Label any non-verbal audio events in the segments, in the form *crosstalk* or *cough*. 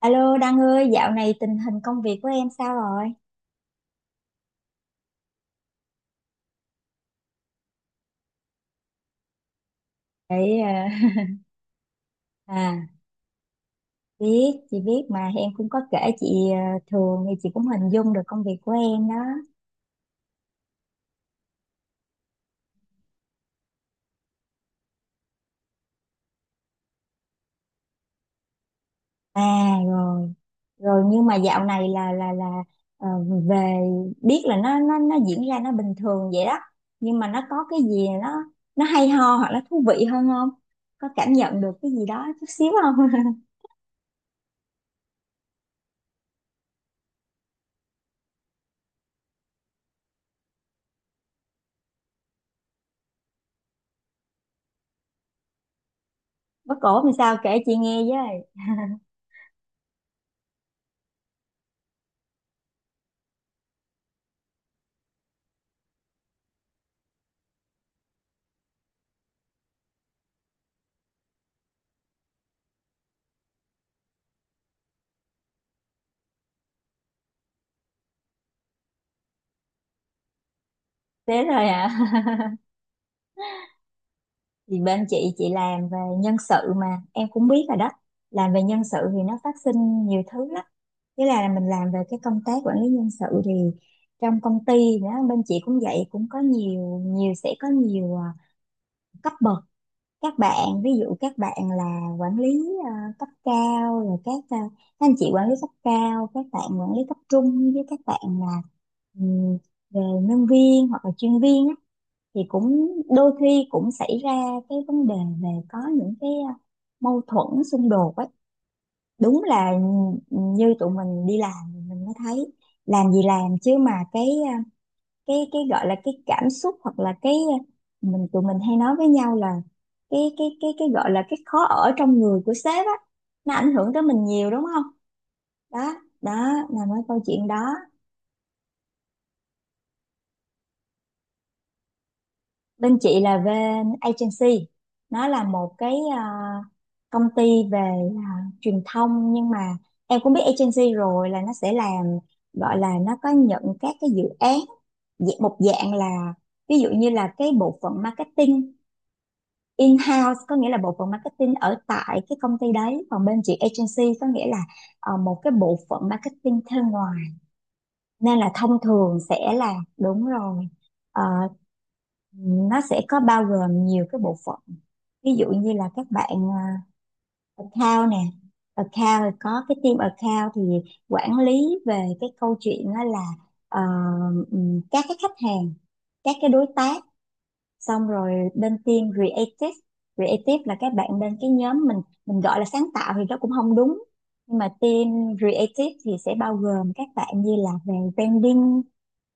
Alo Đăng ơi, dạo này tình hình công việc của em sao rồi? Để, *laughs* À, chị biết mà em cũng có kể chị. ờ, Thường thì chị cũng hình dung được công việc của em đó. À rồi, rồi nhưng mà dạo này là ờ, về biết là nó diễn ra nó bình thường vậy đó. Nhưng mà nó có cái gì nó hay ho hoặc là thú vị hơn không? Có cảm nhận được cái gì đó chút xíu không? *laughs* Bác cổ làm sao kể chị nghe với. Thế rồi hả? *laughs* Thì bên chị làm về nhân sự mà em cũng biết rồi đó. Làm về nhân sự thì nó phát sinh nhiều thứ lắm. Thế là mình làm về cái công tác quản lý nhân sự thì trong công ty đó bên chị cũng vậy, cũng có nhiều nhiều sẽ có nhiều cấp bậc. Các bạn, ví dụ các bạn là quản lý à, cấp cao, rồi các anh chị quản lý cấp cao, các bạn quản lý cấp trung, với các bạn là ừ, về nhân viên hoặc là chuyên viên á, thì cũng đôi khi cũng xảy ra cái vấn đề về có những cái mâu thuẫn xung đột ấy. Đúng là như tụi mình đi làm thì mình mới thấy, làm gì làm chứ mà cái gọi là cái cảm xúc hoặc là cái mình tụi mình hay nói với nhau là cái gọi là cái khó ở trong người của sếp á, nó ảnh hưởng tới mình nhiều đúng không? Đó, đó là mấy câu chuyện đó. Bên chị là bên agency, nó là một cái công ty về ờ, truyền thông, nhưng mà em cũng biết agency rồi là nó sẽ làm, gọi là nó có nhận các cái dự án. Một dạng là ví dụ như là cái bộ phận marketing in-house có nghĩa là bộ phận marketing ở tại cái công ty đấy, còn bên chị agency có nghĩa là một cái bộ phận marketing thuê ngoài. Nên là thông thường sẽ là, đúng rồi. Ờ, nó sẽ có bao gồm nhiều cái bộ phận, ví dụ như là các bạn account nè. Account, rồi có cái team account thì quản lý về cái câu chuyện đó là ờ, các cái khách hàng, các cái đối tác. Xong rồi bên team creative, creative là các bạn bên cái nhóm, mình gọi là sáng tạo thì nó cũng không đúng, nhưng mà team creative thì sẽ bao gồm các bạn như là về branding,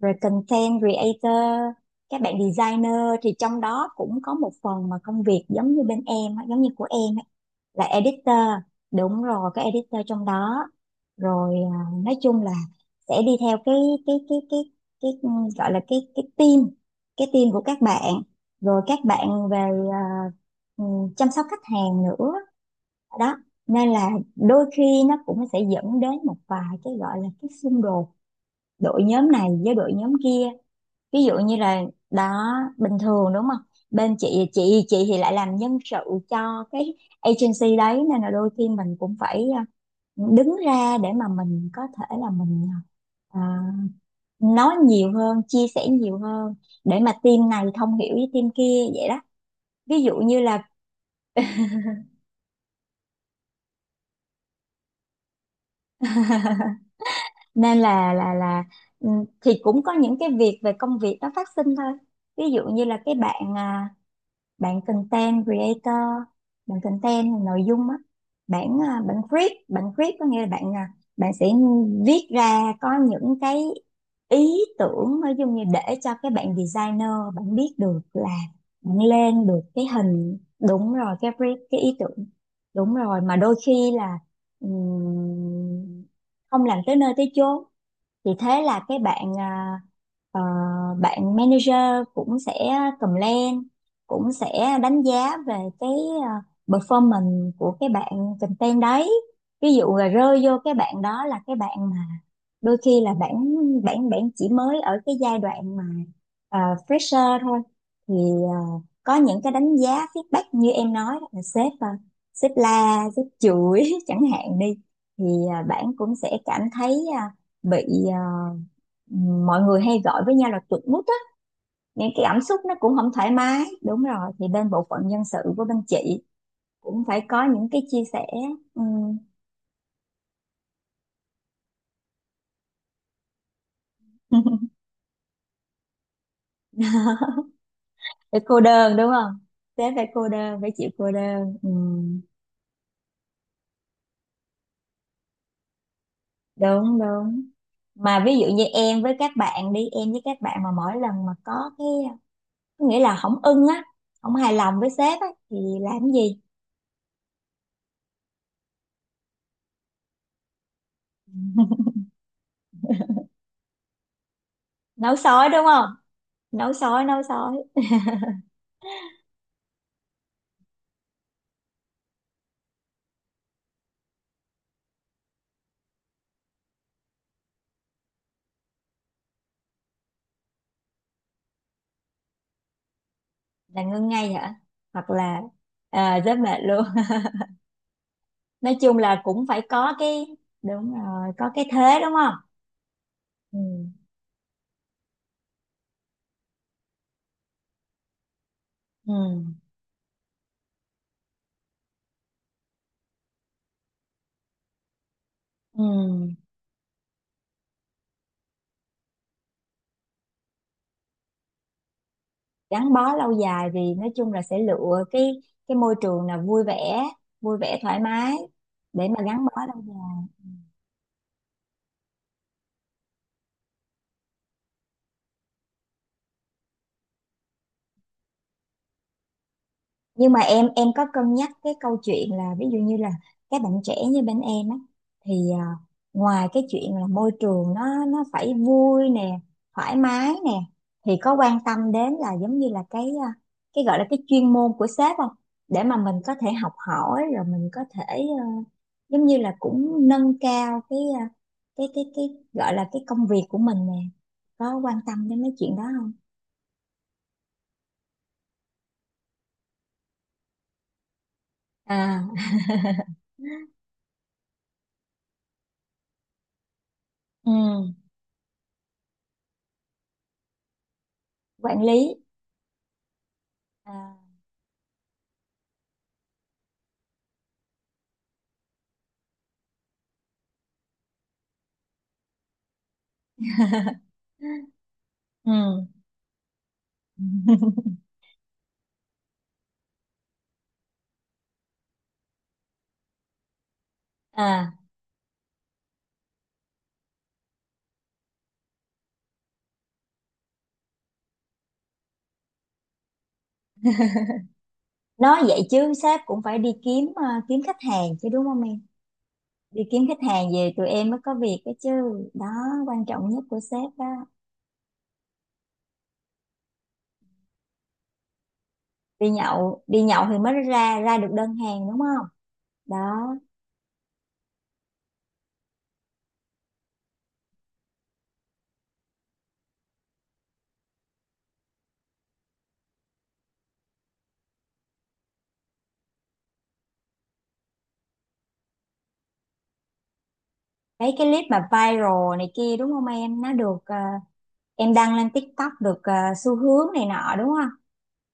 rồi content creator, các bạn designer. Thì trong đó cũng có một phần mà công việc giống như bên em á, giống như của em là editor. Đúng rồi, có editor trong đó. Rồi nói chung là sẽ đi theo cái cái cái cái cái gọi là cái team của các bạn. Rồi các bạn về à, ừ, chăm sóc khách hàng nữa. Đó, nên là đôi khi nó cũng sẽ dẫn đến một vài cái gọi là cái xung đột đội nhóm này với đội nhóm kia, ví dụ như là. Đó, bình thường đúng không? Bên chị chị thì lại làm nhân sự cho cái agency đấy, nên là đôi khi mình cũng phải đứng ra để mà mình có thể là mình ờ, nói nhiều hơn, chia sẻ nhiều hơn để mà team này thông hiểu với team kia vậy đó. Ví dụ như là *laughs* nên là ừ, thì cũng có những cái việc về công việc nó phát sinh thôi. Ví dụ như là cái bạn bạn content creator, bạn content nội dung á, bạn viết có nghĩa là bạn sẽ viết ra có những cái ý tưởng nói chung, như để cho cái bạn designer bạn biết được là bạn lên được cái hình. Đúng rồi, cái brief, cái ý tưởng. Đúng rồi, mà đôi khi là ừm, không làm tới nơi tới chốn. Thì thế là cái ờ, bạn manager cũng sẽ comment, cũng sẽ đánh giá về cái à, performance của cái bạn content đấy. Ví dụ là rơi vô cái bạn đó là cái bạn mà đôi khi là bạn bạn bạn chỉ mới ở cái giai đoạn mà fresher thôi. Thì à, có những cái đánh giá feedback như em nói đó là sếp la sếp chửi *laughs* chẳng hạn đi. Thì bạn cũng sẽ cảm thấy bị à, mọi người hay gọi với nhau là chuột rút á, nên cái cảm xúc nó cũng không thoải mái. Đúng rồi, thì bên bộ phận nhân sự của bên chị cũng phải có những cái chia sẻ. Ừ. *laughs* Về cô đơn đúng không? Sếp phải cô đơn, phải chịu cô đơn. Ừ. Đúng, đúng, mà ví dụ như em với các bạn đi em với các bạn mà mỗi lần mà có cái, có nghĩa là không ưng á, không hài lòng với sếp á thì làm cái gì? Nấu sói đúng không? Nấu sói, nấu sói. Là ngưng ngay hả? Hoặc là rất mệt luôn. *laughs* Nói chung là cũng phải có cái, đúng rồi, có cái thế đúng không? Ừ. Ừ. Ừ. Gắn bó lâu dài thì nói chung là sẽ lựa cái môi trường là vui vẻ, vui vẻ thoải mái để mà gắn bó lâu dài. Ừ. Nhưng mà em có cân nhắc cái câu chuyện là ví dụ như là các bạn trẻ như bên em á, thì ngoài cái chuyện là môi trường nó phải vui nè, thoải mái nè, thì có quan tâm đến là giống như là cái cái gọi là cái chuyên môn của sếp không? Để mà mình có thể học hỏi, rồi mình có thể à, giống như là cũng nâng cao cái cái gọi là cái công việc của mình nè. Có quan tâm đến mấy chuyện đó không? À. *laughs* Ừ, quản lý. À. *laughs* Ừ. *laughs* À. Nói vậy chứ sếp cũng phải đi kiếm kiếm khách hàng chứ đúng không em? Đi kiếm khách hàng về tụi em mới có việc đó chứ. Đó, quan trọng nhất của sếp đó. Đi nhậu, đi nhậu thì mới ra ra được đơn hàng đúng không? Đó, mấy cái clip mà viral này kia đúng không em, nó được em đăng lên TikTok, được xu hướng này nọ đúng không?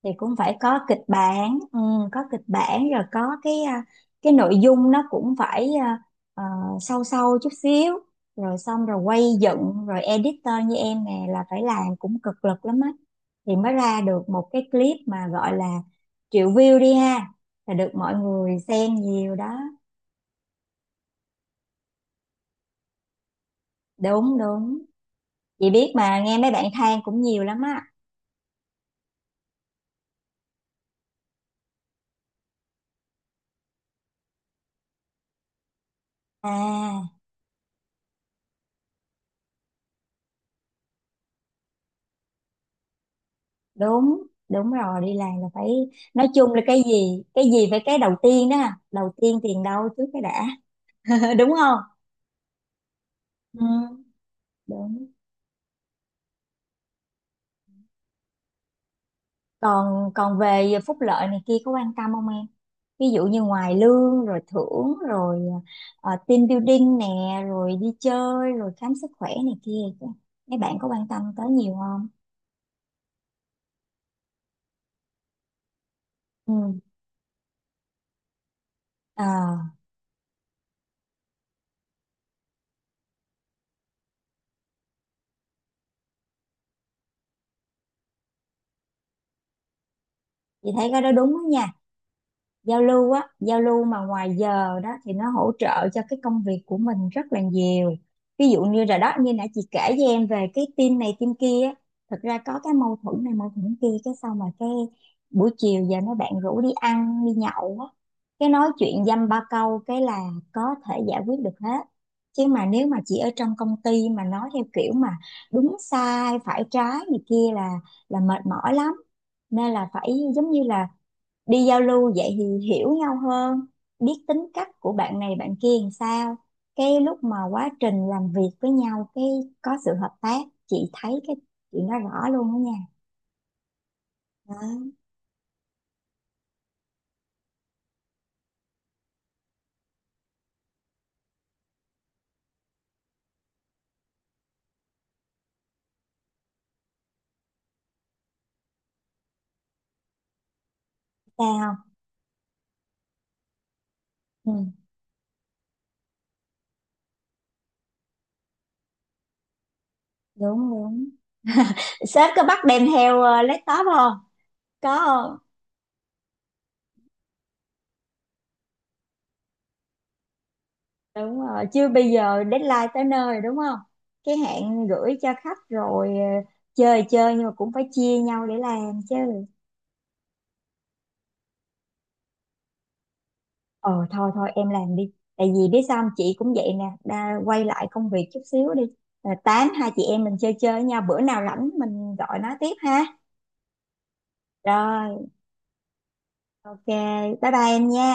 Thì cũng phải có kịch bản. Ừ, có kịch bản rồi có cái cái nội dung nó cũng phải ờ, sâu sâu chút xíu, rồi xong rồi quay dựng, rồi editor như em nè là phải làm cũng cực lực lắm á, thì mới ra được một cái clip mà gọi là triệu view đi ha, là được mọi người xem nhiều đó. Đúng, đúng, chị biết mà, nghe mấy bạn than cũng nhiều lắm á. À, đúng, đúng rồi, đi làm là phải, nói chung là cái gì, cái gì phải cái đầu tiên đó. À, đầu tiên tiền đâu trước cái đã. *laughs* Đúng không? Ừ, đúng. Còn còn về phúc lợi này kia có quan tâm không em? Ví dụ như ngoài lương rồi thưởng rồi team building nè, rồi đi chơi rồi khám sức khỏe này kia, mấy bạn có quan tâm tới nhiều không? Ừ. à, chị thấy cái đó đúng đó nha. Giao lưu á, giao lưu mà ngoài giờ đó thì nó hỗ trợ cho cái công việc của mình rất là nhiều. Ví dụ như rồi đó, như nãy chị kể với em về cái team này team kia á, thật ra có cái mâu thuẫn này mâu thuẫn kia, cái xong mà cái buổi chiều giờ mấy bạn rủ đi ăn đi nhậu á, cái nói chuyện dăm ba câu cái là có thể giải quyết được hết. Chứ mà nếu mà chị ở trong công ty mà nói theo kiểu mà đúng sai phải trái gì kia là mệt mỏi lắm. Nên là phải giống như là đi giao lưu vậy thì hiểu nhau hơn, biết tính cách của bạn này bạn kia làm sao, cái lúc mà quá trình làm việc với nhau cái có sự hợp tác. Chị thấy cái chuyện đó rõ luôn đó nha. Đó, sao không? Ừ, đúng, đúng. Sếp có bắt đem theo laptop không? Có không? Đúng rồi, chưa, bây giờ deadline tới nơi đúng không, cái hạn gửi cho khách rồi. Ờ, Chơi chơi nhưng mà cũng phải chia nhau để làm chứ. Ờ Thôi thôi, em làm đi, tại vì biết sao không? Chị cũng vậy nè Đa, quay lại công việc chút xíu đi. Rồi tám hai chị em mình chơi chơi nha, bữa nào rảnh mình gọi nói tiếp ha. Rồi, ok, bye bye em nha.